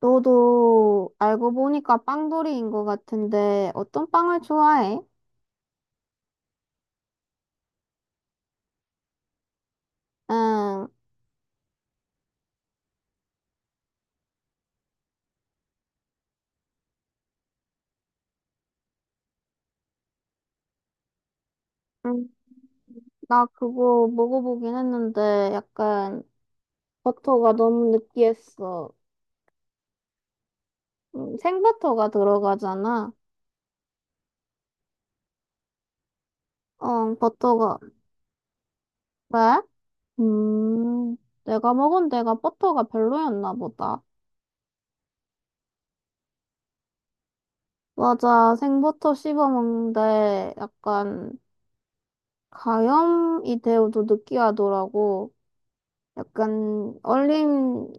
너도 알고 보니까 빵돌이인 것 같은데 어떤 빵을 좋아해? 응, 응, 나 그거 먹어보긴 했는데 약간 버터가 너무 느끼했어. 생버터가 들어가잖아. 어, 버터가 왜? 음, 내가 먹은 데가 버터가 별로였나 보다. 맞아, 생버터 씹어 먹는데 약간 가염이 되어도 느끼하더라고. 약간 얼림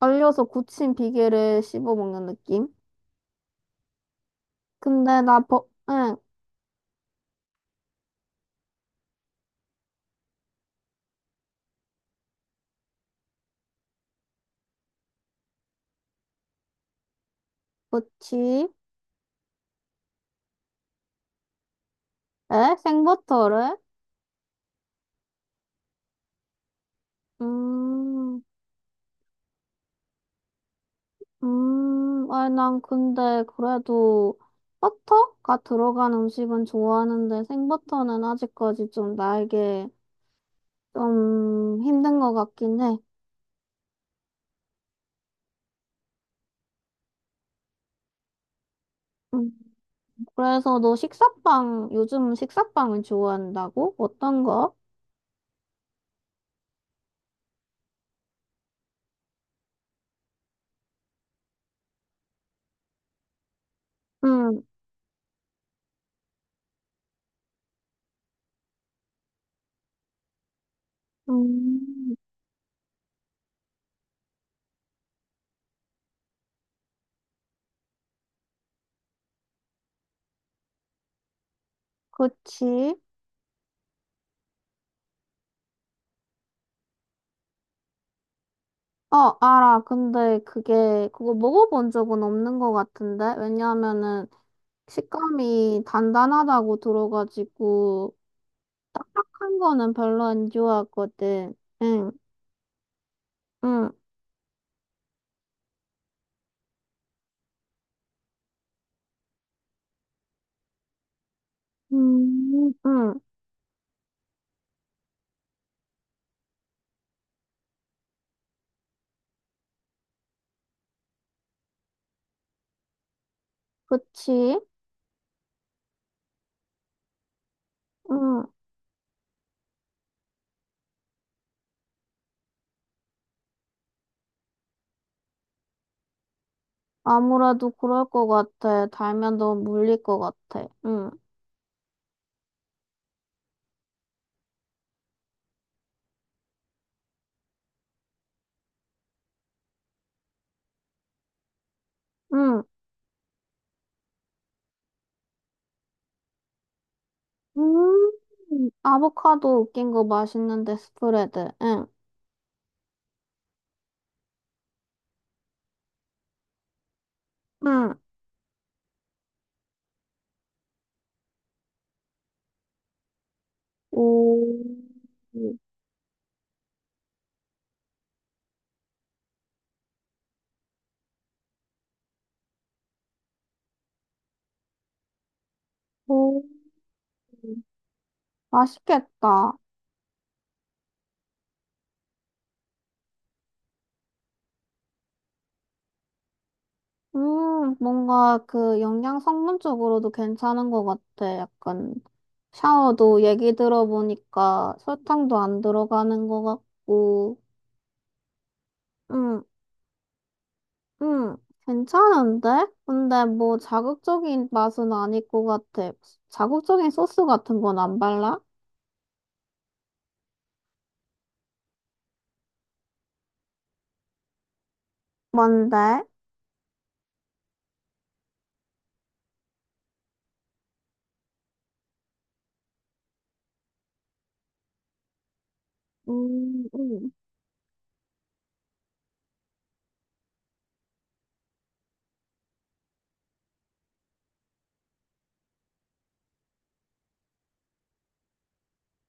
얼려서 굳힌 비계를 씹어 먹는 느낌? 근데 나 버, 응, 그치? 에? 생버터를? 음, 아니, 난 근데 그래도 버터가 들어간 음식은 좋아하는데 생버터는 아직까지 좀 나에게 좀 힘든 것 같긴 해. 음, 그래서 너 요즘 식사빵을 좋아한다고? 어떤 거? 응, 음, 그치? 어, 알아. 근데 그게, 그거 먹어본 적은 없는 것 같은데? 왜냐하면은 식감이 단단하다고 들어가지고, 딱딱한 거는 별로 안 좋아하거든. 응, 응, 응. 그치? 응. 아무래도 그럴 것 같아. 달면 너무 물릴 것 같아. 응, 응. 아보카도 웃긴 거 맛있는데, 스프레드. 응, 응. 오, 오. 맛있겠다. 뭔가 그 영양 성분 쪽으로도 괜찮은 것 같아. 약간 샤워도 얘기 들어보니까 설탕도 안 들어가는 것 같고. 음, 음, 괜찮은데? 근데 뭐 자극적인 맛은 아닐 것 같아. 자극적인 소스 같은 건 안 발라? 뭔데? 음, 음.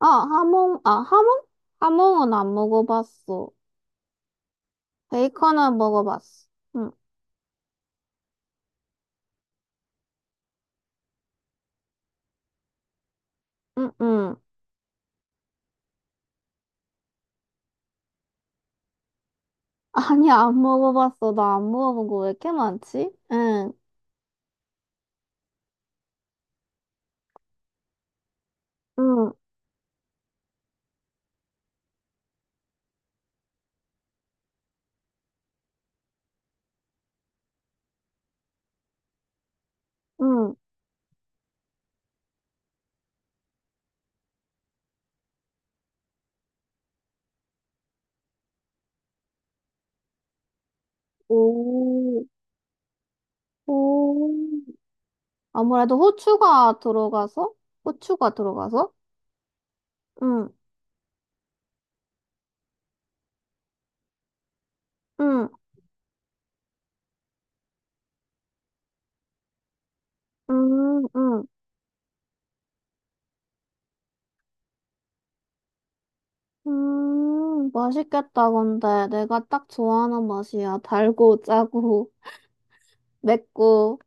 아, 하몽, 아, 하몽? 하몽은 안 먹어봤어. 베이컨은 먹어봤어. 응. 응응. 아니, 안 먹어봤어. 나 안 먹어본 거 왜 이렇게 많지? 응, 응, 응. 오, 오. 아무래도 후추가 들어가서? 후추가 들어가서? 응, 응, 응, 응. 맛있겠다, 근데. 내가 딱 좋아하는 맛이야. 달고, 짜고, 맵고.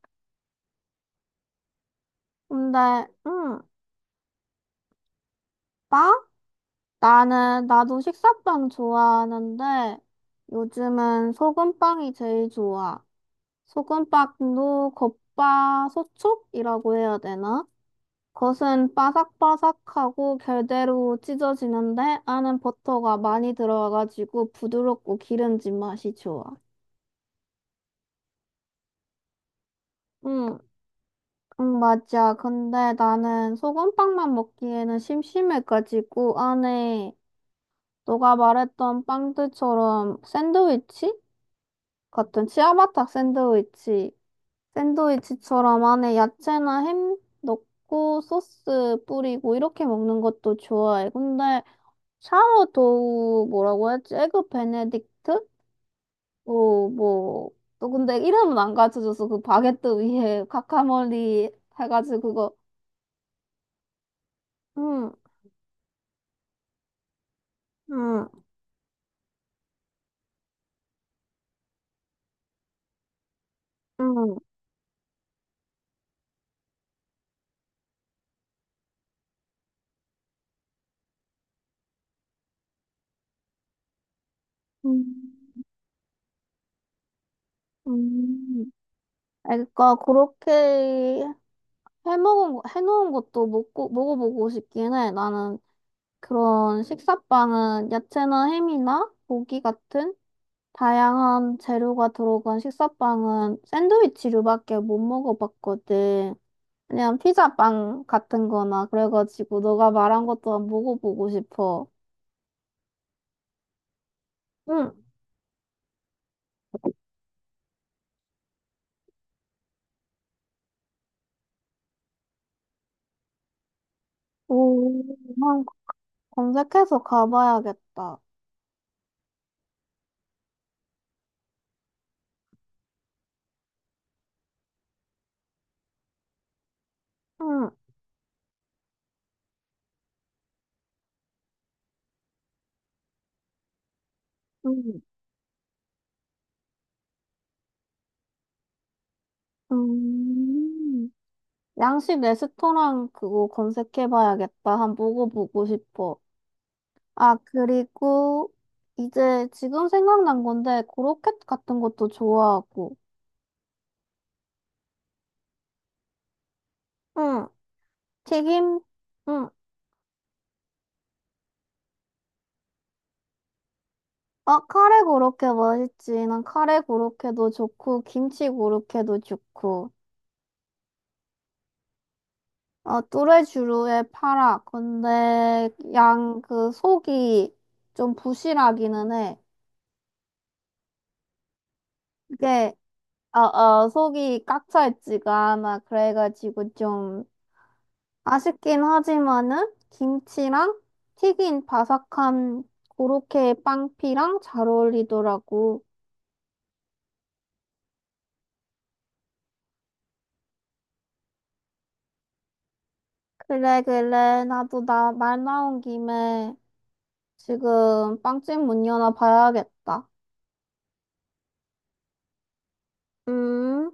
근데, 응, 빵? 나도 식사빵 좋아하는데, 요즘은 소금빵이 제일 좋아. 소금빵도 겉바소촉이라고 해야 되나? 겉은 바삭바삭하고 결대로 찢어지는데 안은 버터가 많이 들어가가지고 부드럽고 기름진 맛이 좋아. 응, 응, 맞아. 근데 나는 소금빵만 먹기에는 심심해가지고 안에 너가 말했던 빵들처럼 샌드위치? 같은 치아바타 샌드위치처럼 안에 야채나 햄 넣고 소스 뿌리고 이렇게 먹는 것도 좋아해. 근데 샤워도우 뭐라고 했지? 에그 베네딕트? 뭐, 뭐. 또 근데 이름은 안 가르쳐줘서 그 바게트 위에 카카몰리 해가지고 그거. 응, 응, 응, 응, 응. 응. 그러니까 그렇게 해놓은 것도 먹고, 먹어보고 싶긴 해. 나는 그런 식사빵은 야채나 햄이나 고기 같은 다양한 재료가 들어간 식사빵은 샌드위치류밖에 못 먹어봤거든. 그냥 피자빵 같은 거나 그래가지고 너가 말한 것도 한번 먹어보고 싶어. 응. 오, 한 검색해서 가봐야겠다. 응. 응. 음. 양식 레스토랑 그거 검색해봐야겠다. 한번 먹어보고 싶어. 아, 그리고 이제 지금 생각난 건데 고로켓 같은 것도 좋아하고 응, 튀김 응. 아, 카레 고로케 맛있지. 난 카레 고로케도 좋고, 김치 고로케도 좋고. 아, 뚜레쥬르의 파라. 근데 양 그 속이 좀 부실하기는 해. 이게 어, 어, 속이 꽉 차 있지가 않아. 그래가지고 좀 아쉽긴 하지만은 김치랑 튀긴 바삭한 고로케 빵피랑 잘 어울리더라고. 그래, 그래. 나도 나 말 나온 김에 지금 빵집 문 여나 봐야겠다. 음.